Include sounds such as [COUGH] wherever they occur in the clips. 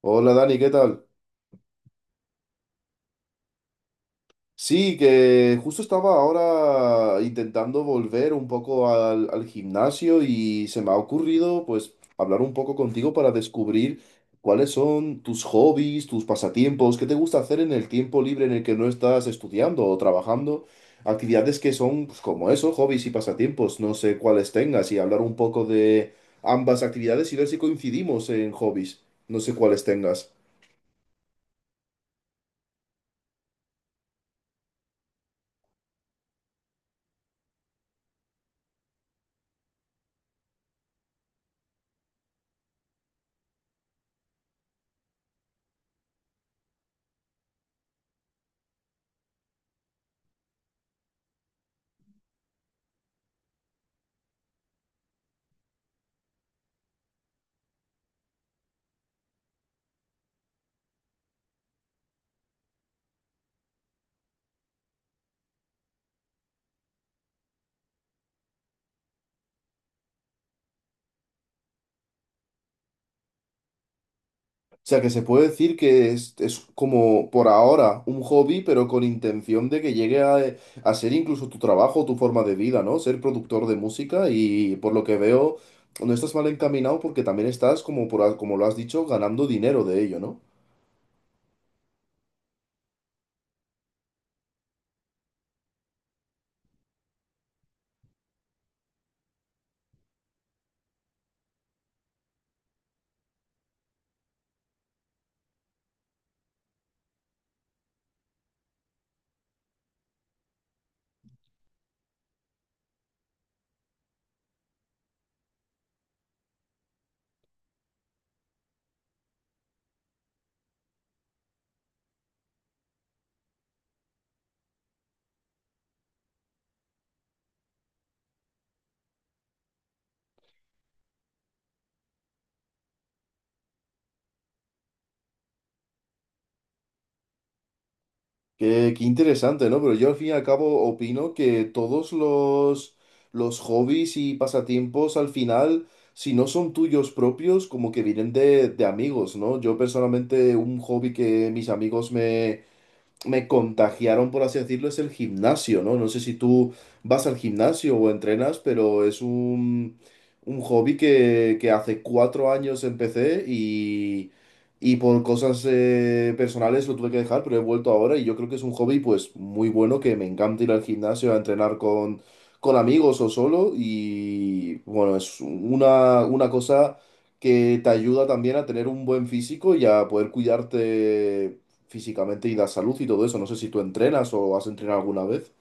Hola Dani, ¿qué tal? Sí, que justo estaba ahora intentando volver un poco al gimnasio y se me ha ocurrido pues hablar un poco contigo para descubrir cuáles son tus hobbies, tus pasatiempos, qué te gusta hacer en el tiempo libre en el que no estás estudiando o trabajando, actividades que son pues, como eso, hobbies y pasatiempos, no sé cuáles tengas y hablar un poco de ambas actividades y ver si coincidimos en hobbies, no sé cuáles tengas. O sea, que se puede decir que es como por ahora un hobby, pero con intención de que llegue a ser incluso tu trabajo, tu forma de vida, ¿no? Ser productor de música y por lo que veo, no estás mal encaminado porque también estás, como, como lo has dicho, ganando dinero de ello, ¿no? Qué interesante, ¿no? Pero yo al fin y al cabo opino que todos los hobbies y pasatiempos al final si no son tuyos propios, como que vienen de amigos, ¿no? Yo personalmente un hobby que mis amigos me contagiaron, por así decirlo, es el gimnasio, ¿no? No sé si tú vas al gimnasio o entrenas, pero es un hobby que hace 4 años empecé y por cosas personales lo tuve que dejar, pero he vuelto ahora y yo creo que es un hobby pues muy bueno, que me encanta ir al gimnasio a entrenar con amigos o solo y bueno, es una cosa que te ayuda también a tener un buen físico y a poder cuidarte físicamente y la salud y todo eso. No sé si tú entrenas o has entrenado alguna vez.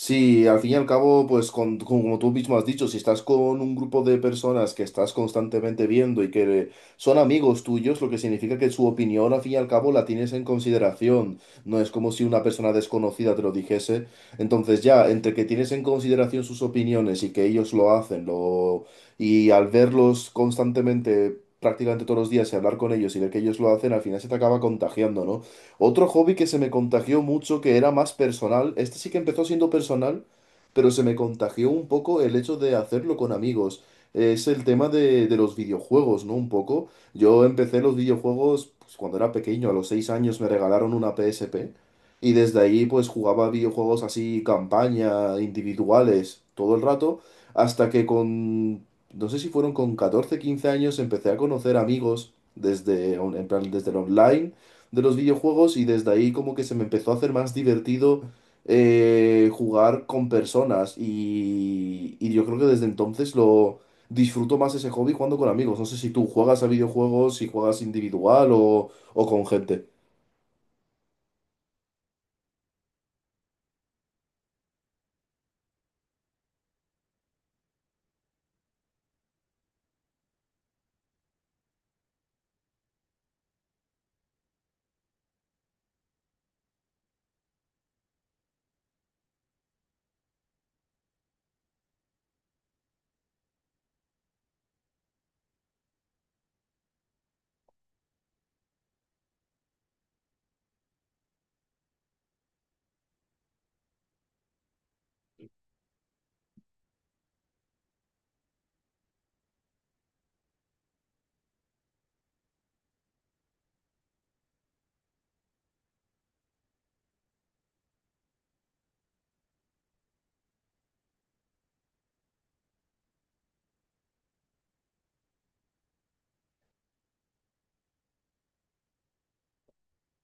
Sí, al fin y al cabo, pues como tú mismo has dicho, si estás con un grupo de personas que estás constantemente viendo y que son amigos tuyos, lo que significa que su opinión al fin y al cabo la tienes en consideración. No es como si una persona desconocida te lo dijese. Entonces ya, entre que tienes en consideración sus opiniones y que ellos lo hacen, y al verlos constantemente, prácticamente todos los días y hablar con ellos y ver que ellos lo hacen, al final se te acaba contagiando, ¿no? Otro hobby que se me contagió mucho, que era más personal, este sí que empezó siendo personal, pero se me contagió un poco el hecho de hacerlo con amigos. Es el tema de los videojuegos, ¿no? Un poco. Yo empecé los videojuegos pues, cuando era pequeño, a los 6 años me regalaron una PSP y desde ahí pues jugaba videojuegos así, campaña, individuales, todo el rato, hasta que no sé si fueron con 14 15 años, empecé a conocer amigos desde, en plan, desde el online de los videojuegos y desde ahí como que se me empezó a hacer más divertido jugar con personas y yo creo que desde entonces lo disfruto más ese hobby jugando con amigos. No sé si tú juegas a videojuegos, si juegas individual o con gente.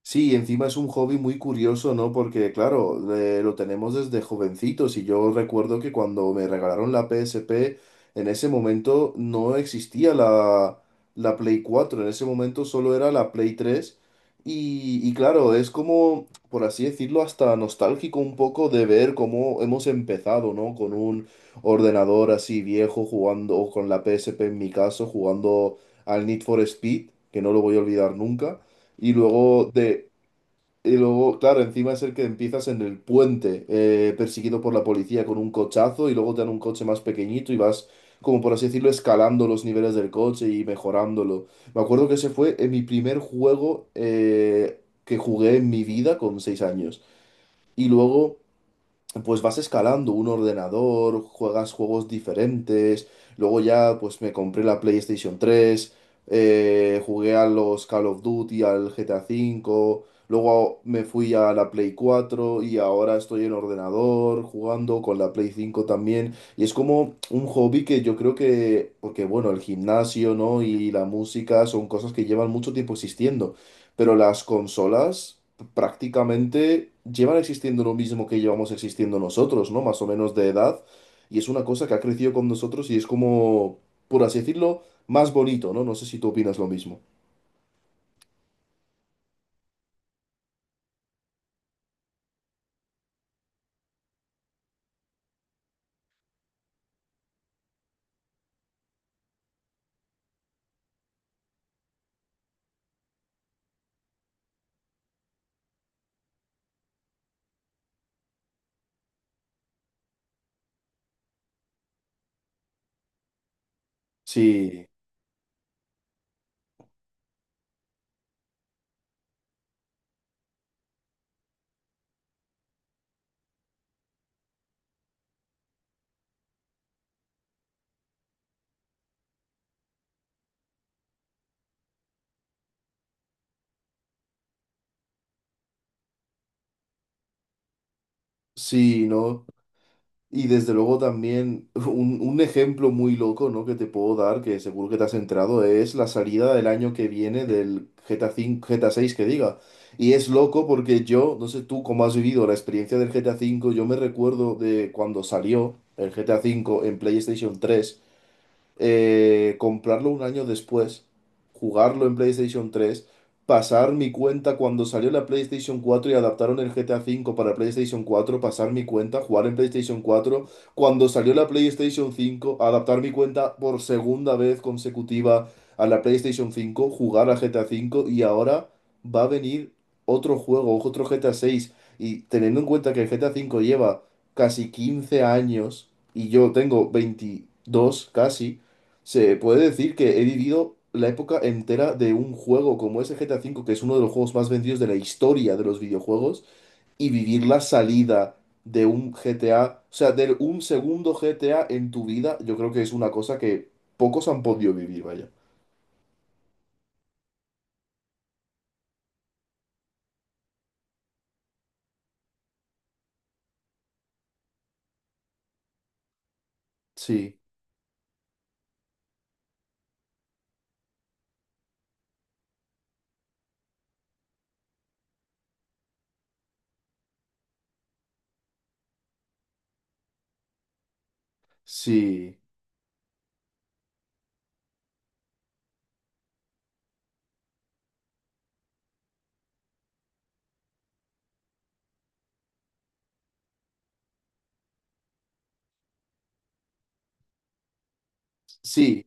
Sí, encima es un hobby muy curioso, ¿no? Porque, claro, lo tenemos desde jovencitos y yo recuerdo que cuando me regalaron la PSP, en ese momento no existía la Play 4. En ese momento solo era la Play 3 y claro, es como, por así decirlo, hasta nostálgico un poco de ver cómo hemos empezado, ¿no? Con un ordenador así viejo jugando, o con la PSP en mi caso, jugando al Need for Speed, que no lo voy a olvidar nunca. Y luego de, y luego, claro, encima es el que empiezas en el puente, perseguido por la policía con un cochazo y luego te dan un coche más pequeñito y vas, como por así decirlo, escalando los niveles del coche y mejorándolo. Me acuerdo que ese fue mi primer juego que jugué en mi vida con 6 años. Y luego pues vas escalando un ordenador, juegas juegos diferentes. Luego ya, pues me compré la PlayStation 3 jugué a los Call of Duty, al GTA 5. Luego me fui a la Play 4 y ahora estoy en ordenador jugando con la Play 5 también. Y es como un hobby que yo creo que, porque bueno, el gimnasio, ¿no? Y la música son cosas que llevan mucho tiempo existiendo. Pero las consolas prácticamente llevan existiendo lo mismo que llevamos existiendo nosotros, ¿no? Más o menos de edad. Y es una cosa que ha crecido con nosotros y es como, por así decirlo, más bonito, ¿no? No sé si tú opinas lo mismo. Sí, sí, ¿no? Y desde luego también [LAUGHS] un ejemplo muy loco, ¿no? que te puedo dar, que seguro que te has entrado, es la salida del año que viene del G T GTA 5, GTA 6 que diga. Y es loco porque yo, no sé tú cómo has vivido la experiencia del G GTA 5. Yo me recuerdo de cuando salió el G GTA 5 en PlayStation 3, comprarlo un año después, jugarlo en PlayStation 3, pasar mi cuenta cuando salió la PlayStation 4 y adaptaron el GTA 5 para PlayStation 4, pasar mi cuenta, jugar en PlayStation 4 cuando salió la PlayStation 5, adaptar mi cuenta por segunda vez consecutiva a la PlayStation 5, jugar a GTA 5 y ahora va a venir otro juego, otro GTA 6. Y teniendo en cuenta que el GTA 5 lleva casi 15 años y yo tengo 22 casi, se puede decir que he vivido la época entera de un juego como ese GTA 5, que es uno de los juegos más vendidos de la historia de los videojuegos, y vivir la salida de un GTA, o sea, de un segundo GTA en tu vida, yo creo que es una cosa que pocos han podido vivir, vaya. Sí, sí, sí.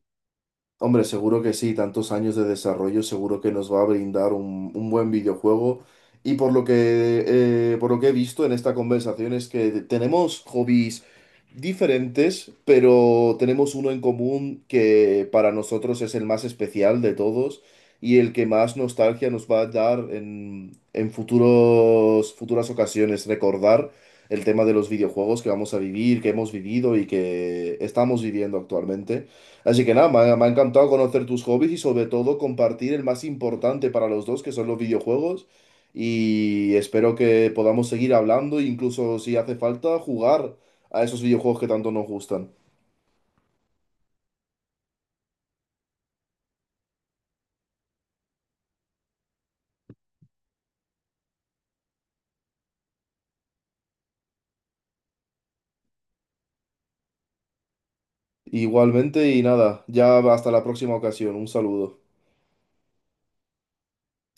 Hombre, seguro que sí, tantos años de desarrollo seguro que nos va a brindar un buen videojuego. Y por lo que he visto en esta conversación es que tenemos hobbies diferentes, pero tenemos uno en común que para nosotros es el más especial de todos y el que más nostalgia nos va a dar en futuros, futuras ocasiones. Recordar el tema de los videojuegos que vamos a vivir, que hemos vivido y que estamos viviendo actualmente. Así que nada, me ha encantado conocer tus hobbies y sobre todo compartir el más importante para los dos, que son los videojuegos. Y espero que podamos seguir hablando e incluso si hace falta jugar a esos videojuegos que tanto nos gustan. Igualmente y nada, ya hasta la próxima ocasión. Un saludo.